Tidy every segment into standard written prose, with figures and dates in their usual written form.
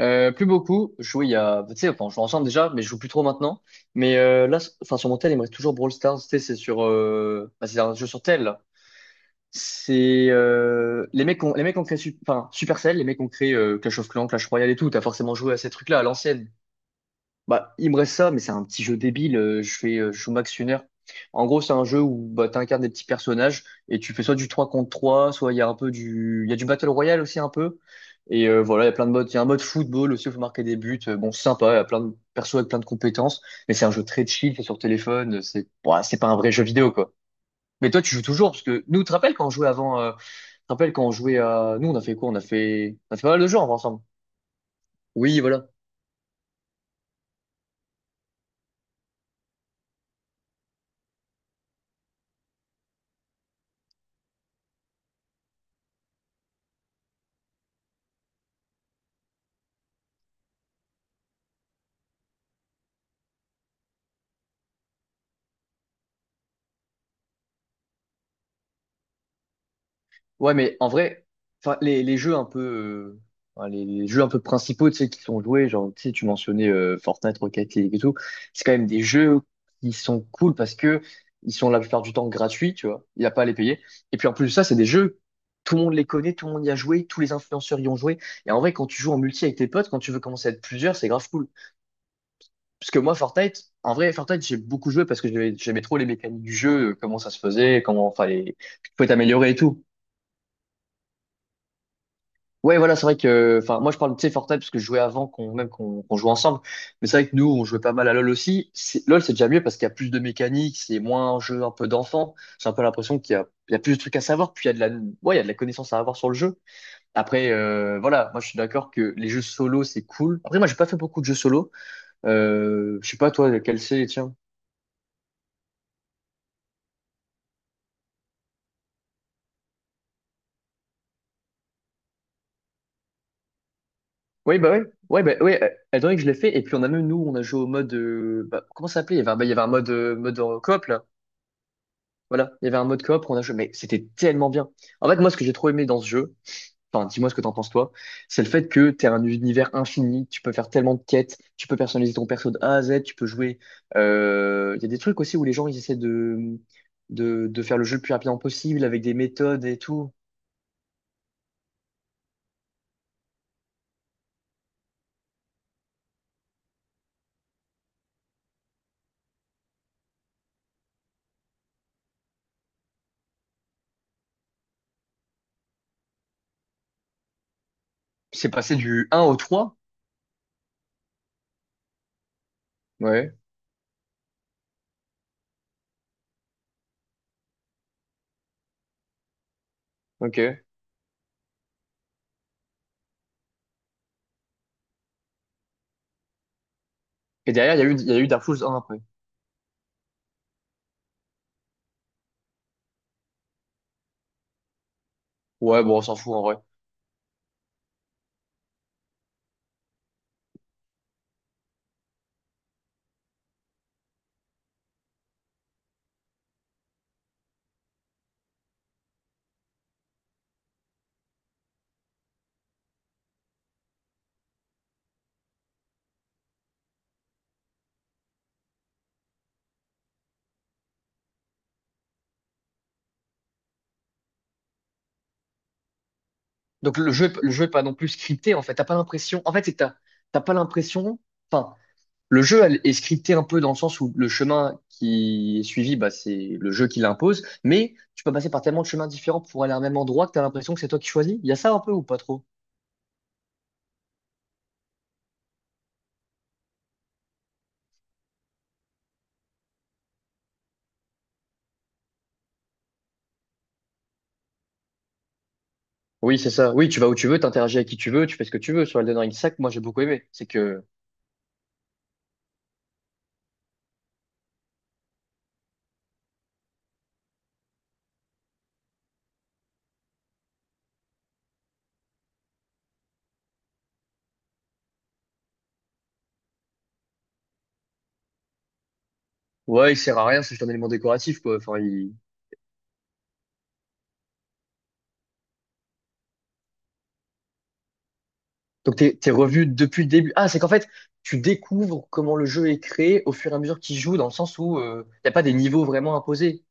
Plus beaucoup. Je jouais il y a, tu sais, enfin, on jouait ensemble déjà, mais je joue plus trop maintenant. Mais là, enfin, sur mon tel, il me reste toujours Brawl Stars. Tu sais, c'est sur, bah, c'est un jeu sur tel, là. C'est les mecs ont créé, Supercell, les mecs ont créé Clash of Clans, Clash Royale et tout. T'as forcément joué à ces trucs-là à l'ancienne. Bah, il me reste ça, mais c'est un petit jeu débile. Je joue Max Sunner. En gros, c'est un jeu où bah, tu incarnes des petits personnages et tu fais soit du 3 contre 3, soit il y a du Battle Royale aussi un peu. Et voilà, il y a plein de modes. Il y a un mode football aussi où il faut marquer des buts. Bon, c'est sympa, il y a plein de persos avec plein de compétences, mais c'est un jeu très chill, c'est sur téléphone, c'est pas un vrai jeu vidéo quoi. Mais toi, tu joues toujours parce que nous, tu te rappelles quand on jouait avant, tu te rappelles quand on jouait à, nous, on a fait quoi? On a fait pas mal de jeux ensemble. Oui, voilà. Ouais, mais en vrai, enfin, les jeux un peu principaux, tu sais, qui sont joués, genre, tu sais, tu mentionnais Fortnite, Rocket League et tout, c'est quand même des jeux qui sont cool parce que ils sont la plupart du temps gratuits, tu vois, il n'y a pas à les payer. Et puis en plus de ça, c'est des jeux, tout le monde les connaît, tout le monde y a joué, tous les influenceurs y ont joué. Et en vrai, quand tu joues en multi avec tes potes, quand tu veux commencer à être plusieurs, c'est grave cool. Parce que moi, Fortnite, en vrai, Fortnite, j'ai beaucoup joué parce que j'aimais trop les mécaniques du jeu, comment ça se faisait, comment, enfin, les, faut pouvais t'améliorer et tout. Ouais, voilà, c'est vrai que, enfin, moi je parle, tu sais, Fortnite parce que je jouais avant qu'on, même qu'on joue ensemble. Mais c'est vrai que nous, on jouait pas mal à LoL aussi. LoL, c'est déjà mieux parce qu'il y a plus de mécaniques, c'est moins un jeu un peu d'enfant. J'ai un peu l'impression qu'il y a plus de trucs à savoir, puis il y a de la, ouais, il y a de la connaissance à avoir sur le jeu. Après, voilà, moi je suis d'accord que les jeux solo, c'est cool. Après, moi j'ai pas fait beaucoup de jeux solo. Je sais pas, toi, quel c'est, tiens. Oui, bah ouais, ouais, bah ouais, étant donné que je l'ai fait, et puis on a même, nous, on a joué au mode, bah, comment ça s'appelait? Il y avait un, bah, il y avait un mode en coop, là. Voilà, il y avait un mode coop, on a joué, mais c'était tellement bien. En fait, moi, ce que j'ai trop aimé dans ce jeu, enfin, dis-moi ce que t'en penses toi, c'est le fait que t'es un univers infini, tu peux faire tellement de quêtes, tu peux personnaliser ton perso de A à Z, tu peux jouer. Il y a des trucs aussi où les gens ils essaient de faire le jeu le plus rapidement possible avec des méthodes et tout. C'est passé du un au trois. Ouais, ok. Et derrière, il y a eu Dark Souls un après. Ouais, bon, on s'en fout en vrai. Donc le jeu est pas non plus scripté en fait. T'as pas l'impression. En fait, c'est que t'as pas l'impression. Enfin, le jeu elle, est scripté un peu dans le sens où le chemin qui est suivi, bah, c'est le jeu qui l'impose, mais tu peux passer par tellement de chemins différents pour aller à un même endroit que tu as l'impression que c'est toi qui choisis. Il y a ça un peu ou pas trop? Oui, c'est ça. Oui, tu vas où tu veux, t'interagis avec qui tu veux, tu fais ce que tu veux. Sur Elden Ring 5, moi j'ai beaucoup aimé. C'est que, ouais, il sert à rien, c'est juste un élément décoratif, quoi. Enfin, il... Donc t'es revu depuis le début. Ah, c'est qu'en fait, tu découvres comment le jeu est créé au fur et à mesure qu'il joue, dans le sens où il n'y a pas des niveaux vraiment imposés.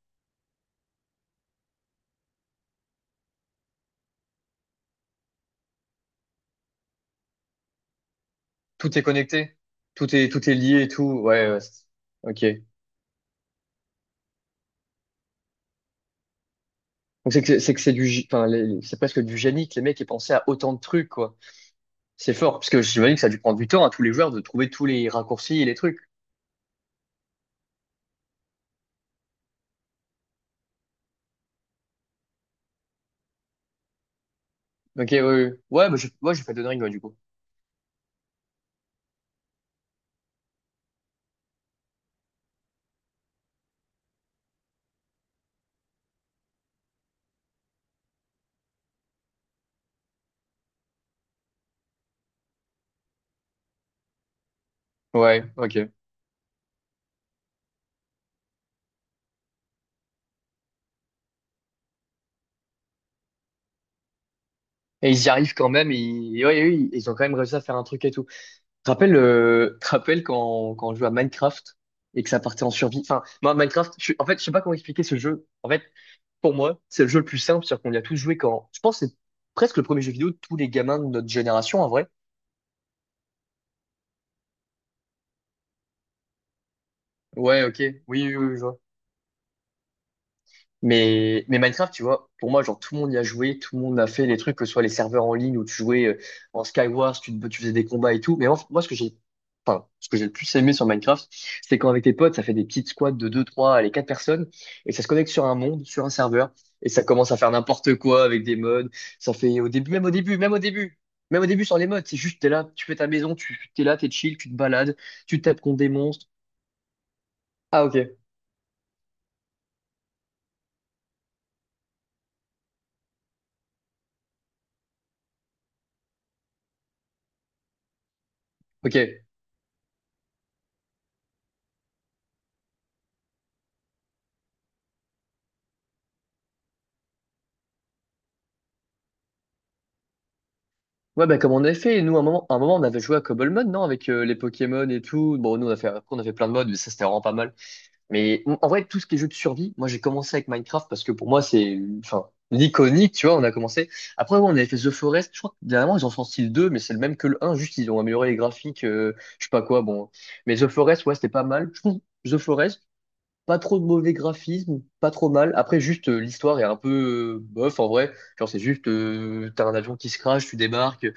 Tout est connecté, tout est lié et tout. Ouais, ouais. Ok. Donc c'est du, gé- enfin les- c'est presque du génie que les mecs aient pensé à autant de trucs quoi. C'est fort parce que j'imagine que ça a dû prendre du temps à tous les joueurs de trouver tous les raccourcis et les trucs. Ok, ouais, ouais, ouais, bah, j'ai fait de dingue ouais, du coup. Ouais, ok. Et ils y arrivent quand même. Ouais, ouais, ils ont quand même réussi à faire un truc et tout. Tu te rappelles quand on jouait à Minecraft et que ça partait en survie. Enfin, moi Minecraft, en fait, je sais pas comment expliquer ce jeu. En fait, pour moi, c'est le jeu le plus simple, c'est-à-dire qu'on y a tous joué quand. Je pense que c'est presque le premier jeu vidéo de tous les gamins de notre génération en vrai. Ouais, ok. Oui, oui, oui, je vois. Mais Minecraft, tu vois, pour moi, genre, tout le monde y a joué, tout le monde a fait les trucs, que ce soit les serveurs en ligne où tu jouais en Skywars, tu faisais des combats et tout. Mais en fait, moi, ce que j'ai le plus aimé sur Minecraft, c'est quand avec tes potes, ça fait des petites squads de 2, 3, allez, 4 personnes, et ça se connecte sur un monde, sur un serveur, et ça commence à faire n'importe quoi avec des mods. Ça fait au début, même au début, même au début. Même au début, sans les mods. C'est juste, t'es là, tu fais ta maison, t'es là, t'es chill, tu te balades, tu tapes contre des monstres. Ah, ok. Ok. Ouais, bah, comme on avait fait, nous, à un moment, on avait joué à Cobble Mode, non, avec les Pokémon et tout. Bon, nous, on a fait, après, on a fait plein de modes, mais ça, c'était vraiment pas mal. Mais en vrai, tout ce qui est jeu de survie, moi, j'ai commencé avec Minecraft parce que pour moi, c'est, enfin, l'iconique, tu vois, on a commencé. Après, ouais, on avait fait The Forest, je crois que dernièrement, ils en sorti le 2 mais c'est le même que le un juste, ils ont amélioré les graphiques, je sais pas quoi, bon. Mais The Forest, ouais, c'était pas mal. Je trouve The Forest, pas trop de mauvais graphisme, pas trop mal. Après, juste, l'histoire est un peu bof en vrai. Genre, c'est juste, t'as un avion qui se crache, tu débarques,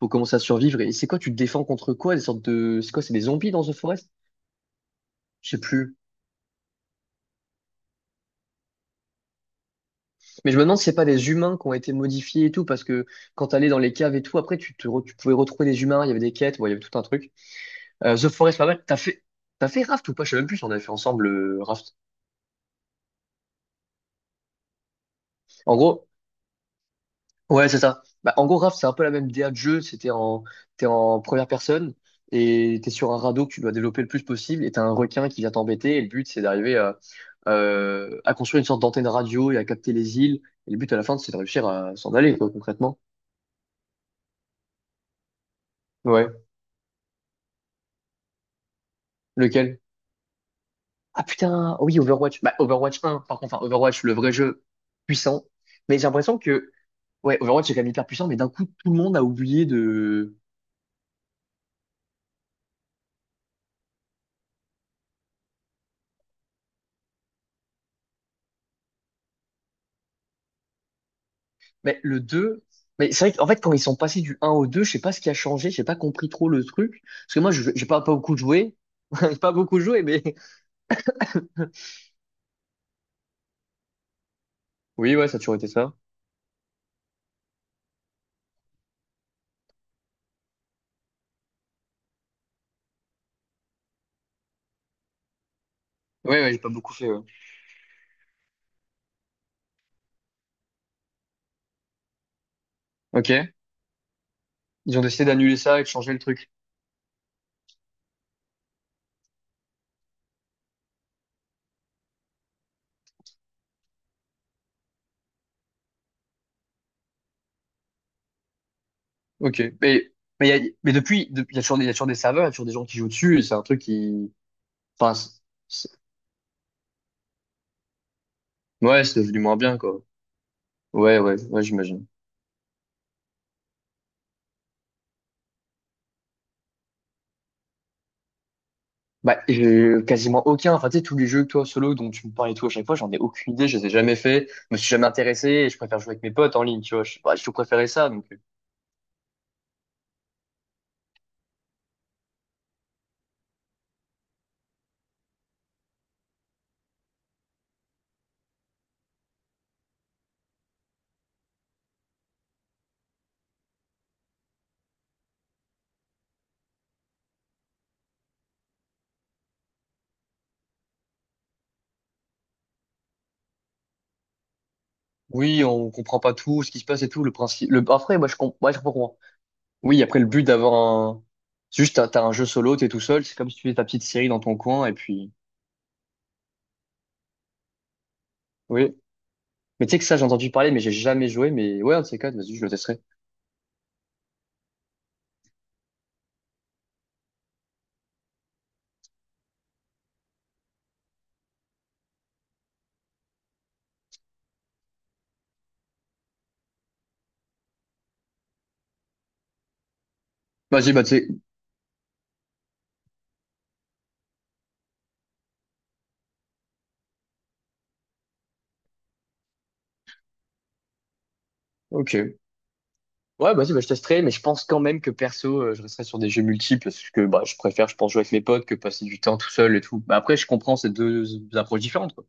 faut commencer à survivre. Et c'est quoi, tu te défends contre quoi? Des sortes de. C'est quoi, c'est des zombies dans The Forest? Je sais plus. Mais je me demande si c'est pas des humains qui ont été modifiés et tout, parce que quand t'allais dans les caves et tout, après, tu pouvais retrouver des humains, il y avait des quêtes, bon, il y avait tout un truc. The Forest, pas mal. T'as fait. T'as fait Raft ou pas? Je sais même plus si on avait fait ensemble Raft. En gros, ouais, c'est ça. Bah, en gros, Raft, c'est un peu la même DA de jeu. T'es en première personne et t'es sur un radeau que tu dois développer le plus possible et t'as un requin qui vient t'embêter et le but, c'est d'arriver à construire une sorte d'antenne radio et à capter les îles. Et le but à la fin, c'est de réussir à s'en aller, quoi, concrètement. Ouais. Lequel? Ah putain, oh oui, Overwatch. Bah, Overwatch 1, par contre, enfin, Overwatch, le vrai jeu puissant. Mais j'ai l'impression que, ouais, Overwatch est quand même hyper puissant, mais d'un coup, tout le monde a oublié de... Mais le 2 mais c'est vrai qu'en fait, quand ils sont passés du un au 2 je sais pas ce qui a changé, j'ai pas compris trop le truc. Parce que moi, j'ai pas beaucoup joué. J'ai pas beaucoup joué, mais. Oui, ouais, ça a toujours été ça. Ouais, ouais, j'ai pas beaucoup fait, ouais. Ok. Ils ont décidé d'annuler ça et de changer le truc. Ok. Mais, mais depuis, il y a toujours, y a toujours des serveurs, il y a toujours des gens qui jouent dessus, et c'est un truc qui. Enfin, c'est- ouais, c'est devenu moins bien, quoi. Ouais, ouais, ouais, j'imagine. Bah, j'ai quasiment aucun. Enfin, tu sais, tous les jeux que toi, solo, dont tu me parles et tout, à chaque fois, j'en ai aucune idée, je les ai jamais fait, je me suis jamais intéressé, et je préfère jouer avec mes potes en ligne, tu vois. Je, bah, je tout préférais ça, donc. Oui, on comprend pas tout, ce qui se passe et tout, le principe. Après, moi, je comprends. Ouais, je comprends. Oui, après, le but d'avoir un. C'est juste, t'as un jeu solo, t'es tout seul, c'est comme si tu fais ta petite série dans ton coin, et puis. Oui. Mais tu sais que ça, j'ai entendu parler, mais j'ai jamais joué, mais ouais, un de ces quatre, vas-y, je le testerai. Vas-y, bah, tu sais. Ok. Ouais, vas-y, bah, je testerai, mais je pense quand même que perso, je resterai sur des jeux multi parce que bah, je préfère, je pense, jouer avec mes potes que passer du temps tout seul et tout. Bah, après, je comprends ces deux approches différentes, quoi.